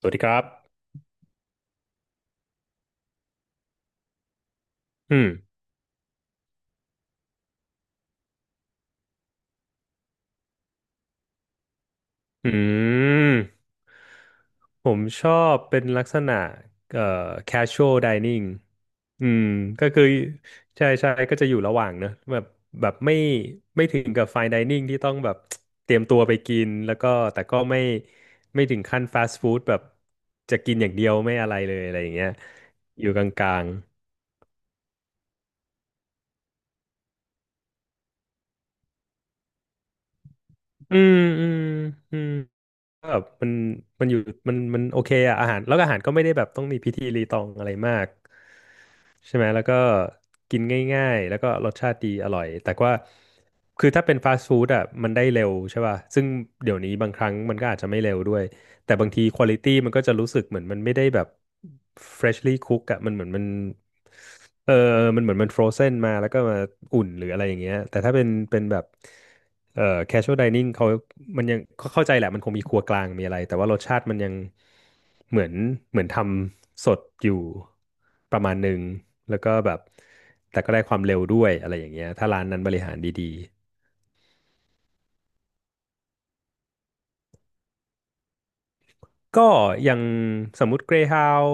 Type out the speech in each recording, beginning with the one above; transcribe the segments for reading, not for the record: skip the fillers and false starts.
สวัสดีครับอืมอืม ผมชอบเป็นลักษณะเอ่อ casual dining อืม ก็คือใช่ใช่ก็จะอยู่ระหว่างเนอะแบบแบบไม่ถึงกับ fine dining ที่ต้องแบบเตรียมตัวไปกินแล้วก็แต่ก็ไม่ถึงขั้น fast food แบบจะกินอย่างเดียวไม่อะไรเลยอะไรอย่างเงี้ยอยู่กลางๆอืมอืมอืมก็แบบมันอยู่มันโอเคอะอาหารแล้วก็อาหารก็ไม่ได้แบบต้องมีพิธีรีตองอะไรมาก ใช่ไหมแล้วก็กินง่ายๆแล้วก็รสชาติดีอร่อยแต่ว่าคือถ้าเป็นฟาสต์ฟู้ดอ่ะมันได้เร็วใช่ป่ะซึ่งเดี๋ยวนี้บางครั้งมันก็อาจจะไม่เร็วด้วย แต่บางทีควอลิตี้มันก็จะรู้สึกเหมือนมันไม่ได้แบบ freshly cook อะมันเหมือนมันเออมันเหมือนมัน frozen มาแล้วก็มาอุ่นหรืออะไรอย่างเงี้ยแต่ถ้าเป็นแบบเอ่อ casual dining เขามันยังเขาเข้าใจแหละมันคงมีครัวกลางมีอะไรแต่ว่ารสชาติมันยังเหมือนเหมือนทำสดอยู่ประมาณหนึ่งแล้วก็แบบแต่ก็ได้ความเร็วด้วยอะไรอย่างเงี้ยถ้าร้านนั้นบริหารดี ก็อย่างสมมุติเกรฮาว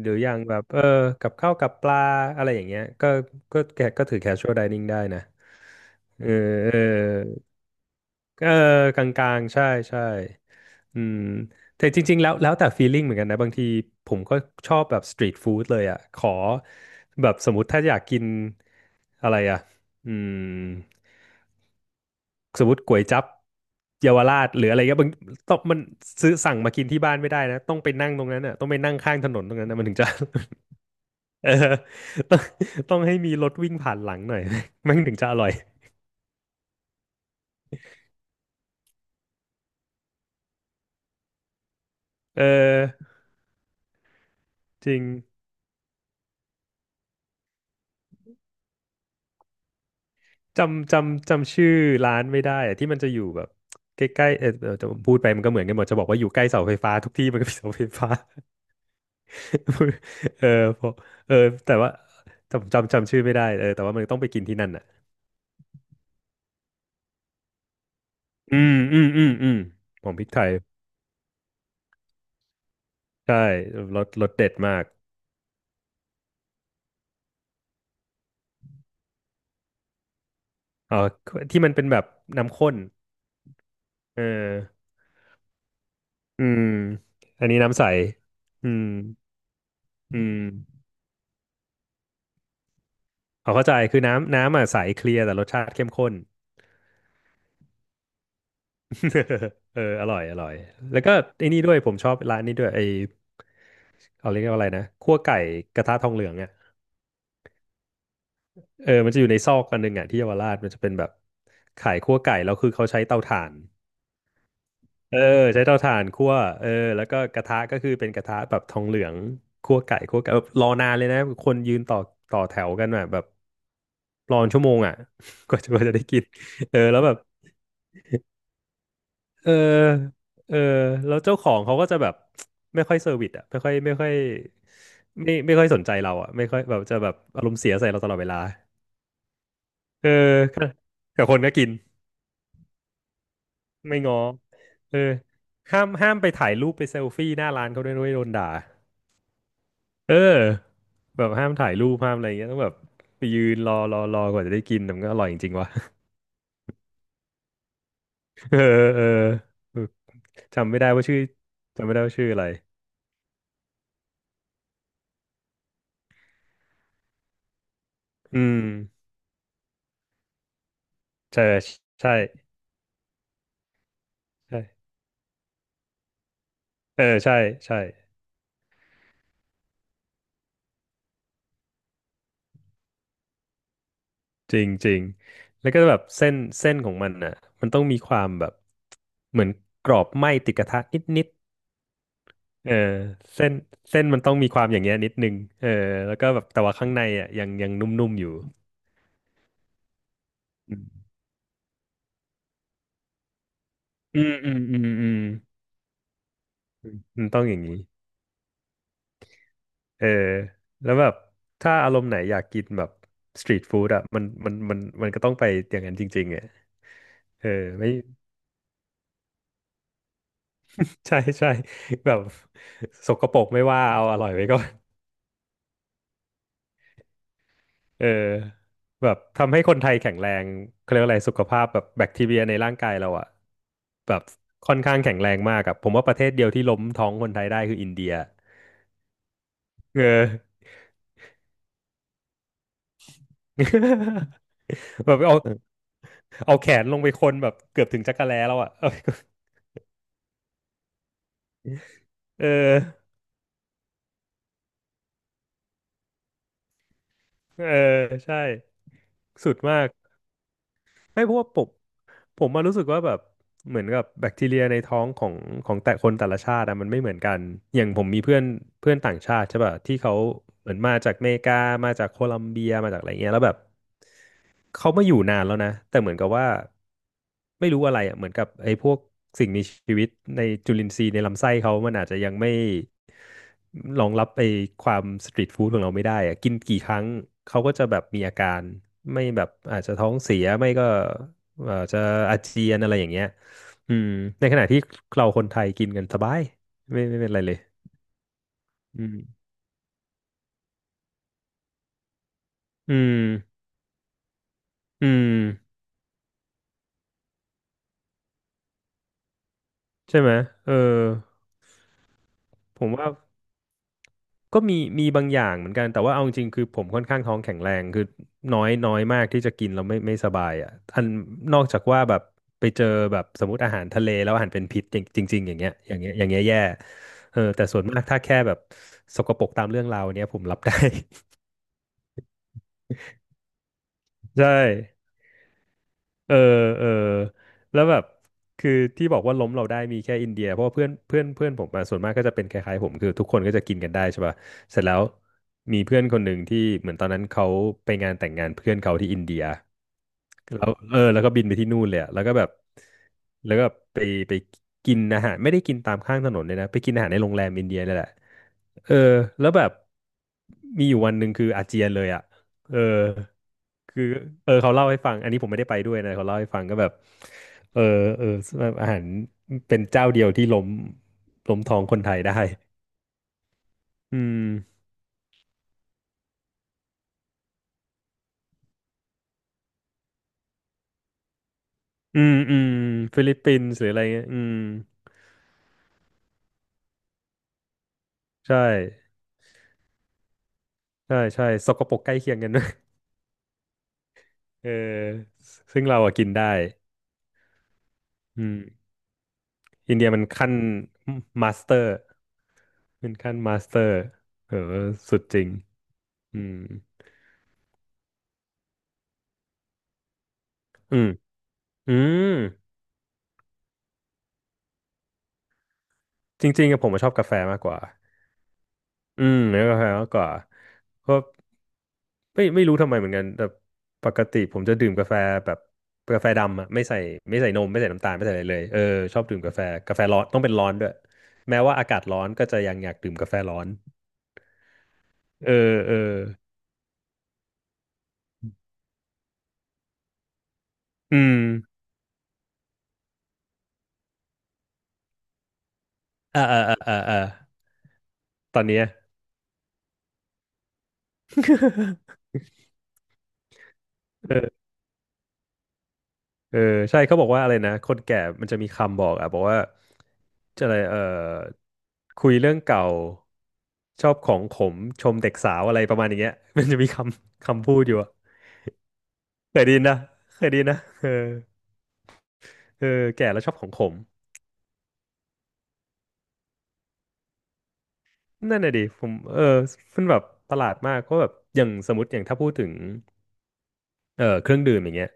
หรืออย่างแบบเออกับข้าวกับปลาอะไรอย่างเงี้ยก็แกก็ถือ casual dining ได้นะเออเออเออกลางๆใช่ใช่อืมแต่จริงๆแล้วแล้วแต่ feeling เหมือนกันนะบางทีผมก็ชอบแบบ street food เลยอ่ะขอแบบสมมติถ้าอยากกินอะไรอ่ะอืม สมมติก๋วยจั๊บเยาวราชหรืออะไรก็บางต้องมันซื้อสั่งมากินที่บ้านไม่ได้นะต้องไปนั่งตรงนั้นอ่ะต้องไปนั่งข้างถนนตรงนั้นนะมันถึงจะ เออต้องต้องให้มีรถวิ่งผ่านหลังหน่อย มันถึงจะอร่อยเออจริงจำชื่อร้านไม่ได้อะที่มันจะอยู่แบบใกล้ๆเออเออจะพูดไปมันก็เหมือนกันหมดจะบอกว่าอยู่ใกล้เสาไฟฟ้าทุกที่มันก็มีเสาไฟฟ้า เออพอเออแต่ว่าจำชื่อไม่ได้เออแต่ว่ามันต้องไปกินที่นั่นอ่ะ อืมอืมอืมอืมผมพริกไทยใช่รสรสเด็ดมากอ๋อที่มันเป็นแบบน้ำข้นเอออืมอันนี้น้ำใสอืมอืมเอาเข้าใจคือน้ำอ่ะใสเคลียร์แต่รสชาติเข้มข้น เอออร่อยอร่อยแล้วก็ไอ้นี่ด้วยผมชอบร้านนี้ด้วยไอเอาเรียกว่าอะไรนะคั่วไก่กระทะทองเหลืองอ่ะเออมันจะอยู่ในซอกอันหนึงอ่ะที่เยาวราชมันจะเป็นแบบขายคั่วไก่แล้วคือเขาใช้เตาถ่าน เออใช้เตาถ่านคั่วเออแล้วก็กระทะก็คือเป็นกระทะแบบทองเหลืองคั่วไก่คั่วไก่แบบรอนานเลยนะคนยืนต่อแถวกันอะแบบรอนชั่วโมงอ่ะ กว่าจะได้กินเออแล้วแบบเออเออแล้วเจ้าของเขาก็จะแบบไม่ค่อยเซอร์วิสอ่ะไม่ค่อยสนใจเราอ่ะไม่ค่อยแบบจะแบบอารมณ์เสียใส่เราตลอดเวลาเออกับคนก็กินไม่ง้อเออห้ามไปถ่ายรูปไปเซลฟี่หน้าร้านเขาด้วยนะเว้ยโดนด่า เออแบบห้ามถ่ายรูปห้ามอะไรอย่างเงี้ยต้องแบบไปยืนรอกว่าจะได้กินแต่มันก็อร่อยจริงๆวะ เออเออเออจำไม่ได้ว่าชื่อจำไม่ได้ว่าชื่ออะไรอืมใช่ใช่ใช่เออใช่ใช่จริงจริงแล้วก็แบบเส้นของมันอ่ะมันต้องมีความแบบเหมือนกรอบไหม้ติดกระทะนิดนิดเออเส้นเส้นมันต้องมีความอย่างเงี้ยนิดนึงเออแล้วก็แบบแต่ว่าข้างในอ่ะยังนุ่มๆอยู่อืมอืมอืมอืม มันต้องอย่างนี้เออแล้วแบบถ้าอารมณ์ไหนอยากกินแบบสตรีทฟู้ดอ่ะมันก็ต้องไปอย่างนั้นจริงๆอ่ะเออ ไม่ ใช่ใช่แบบสกปรกไม่ว่าเอาอร่อยไว้ก่อนเออแบบทำให้คนไทยแข็งแรงเขาเรียกว่าอะไรสุขภาพแบบแบคทีเรียในร่างกายเราอ่ะแบบค่อนข้างแข็งแรงมากอะผมว่าประเทศเดียวที่ล้มท้องคนไทยได้คืออินเดีย เออ แบบเอาแขนลงไปคนแบบเกือบถึงจักรแล้วอ่ะเออ เออ เออ ใช่ สุดมากไม่เพราะว่าผม ผมมารู้สึกว่าแบบ เหมือนกับแบคทีเรียในท้องของของแต่คนแต่ละชาติอะมันไม่เหมือนกัน อย่างผมมีเพื่อน เพื่อนต่างชาติใช่ป่ะที่เขาเหมือนมาจากอเมริกามาจากโคลอมเบีย มาจากอะไรเงี้ยแล้วแบบ เขามาอยู่นานแล้วนะแต่เหมือนกับว่าไม่รู้อะไรอ่ะเหมือนกับไอ้พวกสิ่งมีชีวิตในจุลินทรีย์ในลำไส้เขามันอาจจะยังไม่รองรับไอ้ความสตรีทฟู้ดของเราไม่ได้อ่ะกินกี่ครั้งเขาก็จะแบบมีอาการไม่แบบอาจจะท้องเสียไม่ก็อาจจะอาเจียนอะไรอย่างเงี้ยอืมในขณะที่เราคนไทยกินกันสบายไม่เป็นไรเลยอืมอืมอืมใช่ไหมเออผมว่า ก็มีมีบางอย่างเหมือนกันแต่ว่าเอาจริงๆคือผมค่อนข้างท้องแข็งแรงคือน้อยน้อยมากที่จะกินแล้วไม่สบายอ่ะอันนอกจากว่าแบบไปเจอแบบสมมติอาหารทะเลแล้วอาหารเป็นพิษจริงจริงๆอย่างเงี้ยอย่างเงี้ยอย่างเงี้ยแย่เออแต่ส่วนมากถ้าแค่แบบสกปรกตามเรื่องราวเนี้ยผมรับได้ ใช่ เออเออแล้วแบบคือที่บอกว่าล้มเราได้มีแค่อินเดียเพราะว่าเพื่อนเพื่อนเพื่อนผมมาส่วนมากก็จะเป็นคล้ายๆผมคือทุกคนก็จะกินกันได้ใช่ป่ะเสร็จแล้วมีเพื่อนคนหนึ่งที่เหมือนตอนนั้นเขาไปงานแต่งงานเพื่อนเขาที่อินเดียแล้วเออแล้วก็บินไปที่นู่นเลยอะแล้วก็แบบแล้วก็ไปไปกินอาหารไม่ได้กินตามข้างถนนเลยนะไปกินอาหารในโรงแรมอินเดียนี่แหละ เออแล้วแบบมีอยู่วันหนึ่งคืออาเจียนเลยอ่ะเออคือเออเขาเล่าให้ฟังอันนี้ผมไม่ได้ไปด้วยนะเขาเล่าให้ฟังก็แบบเออเออแบบอาหารเป็นเจ้าเดียวที่ล้มท้องคนไทยได้อืมอืมอืมฟิลิปปินส์หรืออะไรเงี้ยอืมใช่ใช่ใช่สกปรกใกล้เคียงกันด้วย เออซึ่งเราอะกินได้อืมอินเดียมันขั้นมาสเตอร์เป็นขั้นมาสเตอร์เออสุดจริงอืม อืมอืมจริงๆอะผมอะชอบกาแฟมากกว่าอืมเนื้อกาแฟมากกว่าเพราะไม่รู้ทำไมเหมือนกันแต่ปกติผมจะดื่มกาแฟแบบกาแฟดำอะไม่ใส่ไม่ใส่นมไม่ใส่น้ำตาลไม่ใส่อะไรเลยเออชอบดื่มกาแฟกาแฟร้อนต้องเป็นร้อนด้วยแม้ว่าอากาศร้อนก็จะยังอยากดื่มกาแฟร้อนเออเอออืมอ่าอ่าอ่าอ่าอ่าตอนเนี้ย เออใช่เขาบอกว่าอะไรนะคนแก่มันจะมีคำบอกอ่ะบอกว่าจะอะไรเออคุยเรื่องเก่าชอบของขมชมเด็กสาวอะไรประมาณอย่างเงี้ย มันจะมีคำคำพูดอยู่อะเคยไดีนนะเคยไดีนนะเออเออแก่แล้วชอบของขมนั่นน่ะดิผมเออมันแบบประหลาดมากก็แบบอย่างสมมติอย่างถ้าพูดถึงเออเครื่องดื่มอย่างเงี้ย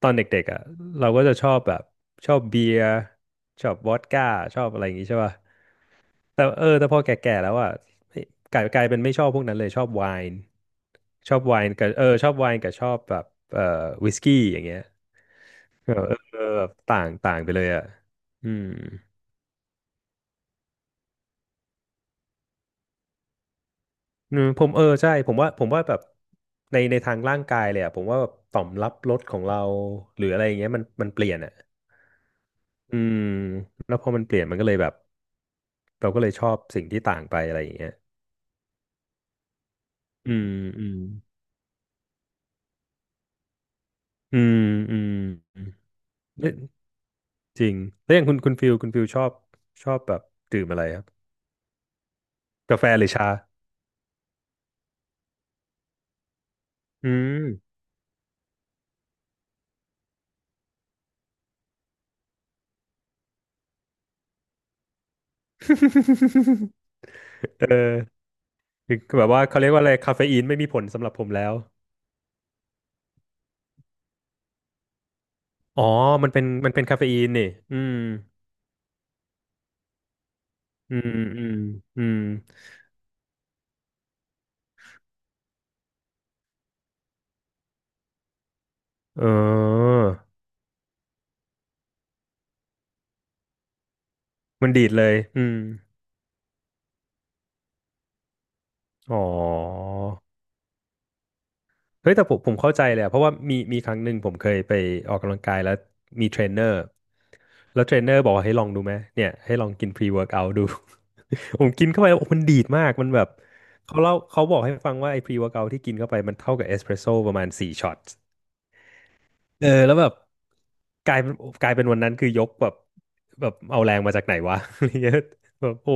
ตอนเด็กๆอ่ะเราก็จะชอบแบบชอบเบียร์ชอบวอดก้าชอบอะไรอย่างงี้ใช่ป่ะ แต่เออแต่พอแก่ๆแล้วอ่ะกลายกลายเป็นไม่ชอบพวกนั้นเลยชอบไวน์ชอบไวน์กับเออชอบไวน์กับชอบแบบเอ่อวิสกี้อย่างเงี้ยเออเออเออแบบต่างต่างไปเลยอ่ะอืมอืมผมเออใช่ผมว่าแบบในในทางร่างกายเลยอ่ะผมว่าแบบต่อมรับรสของเราหรืออะไรอย่างเงี้ยมันเปลี่ยนอ่ะอืมแล้วพอมันเปลี่ยนมันก็เลยแบบเราก็เลยชอบสิ่งที่ต่างไปอะไรอย่างเงี้ยอืมอืมอืมอืม จริงแล้วอย่างคุณคุณฟิลชอบชอบแบบดื่มอะไรครับกาแฟหรือชาอืม เออคือแบบว่าเขาเรียกว่าอะไรคาเฟอีนไม่มีผลสำหรับผมแล้วอ๋อมันเป็นมันเป็นคาเฟอีนนี่อืมอืมอืมอืมเออมันดีดเลยอืมอ๋อ เฮ้ยแต่ผมเข้าใจเลยอะเพราะว่ามีมีครั้งหนึ่งผมเคยไปออกกำลังกายแล้วมีเทรนเนอร์แล้วเทรนเนอร์บอกว่าให้ลองดูไหมเนี่ยให้ลองกินพรีเวิร์กเอาท์ดู ผมกินเข้าไปโอ้มันดีดมากมันแบบเขาเล่าเขาบอกให้ฟังว่าไอ้พรีเวิร์กเอาท์ที่กินเข้าไปมันเท่ากับเอสเปรสโซ่ประมาณสี่ช็อตเออแล้วแบบกลายเป็นกลายเป็นวันนั้นคือยกแบบแบบเอาแรงมาจากไหนวะ อะไรเงี้ยแบบโอ้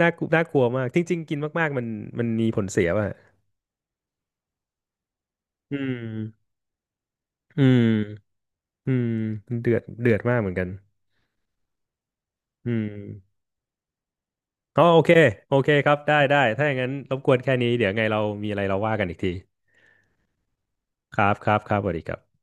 น่ากลัวน่ากลัวมากจริงๆกินมากๆมันมีผลเสียว่ะอืมอืม อืมเดือดเดือดมากเหมือนกันอืมอ๋อโอเคโอเคครับได้ได้ถ้าอย่างนั้นรบกวนแค่นี้เดี๋ยวไงเรามีอะไรเราว่ากันอีกทีครับครับครับสวัสดีครับ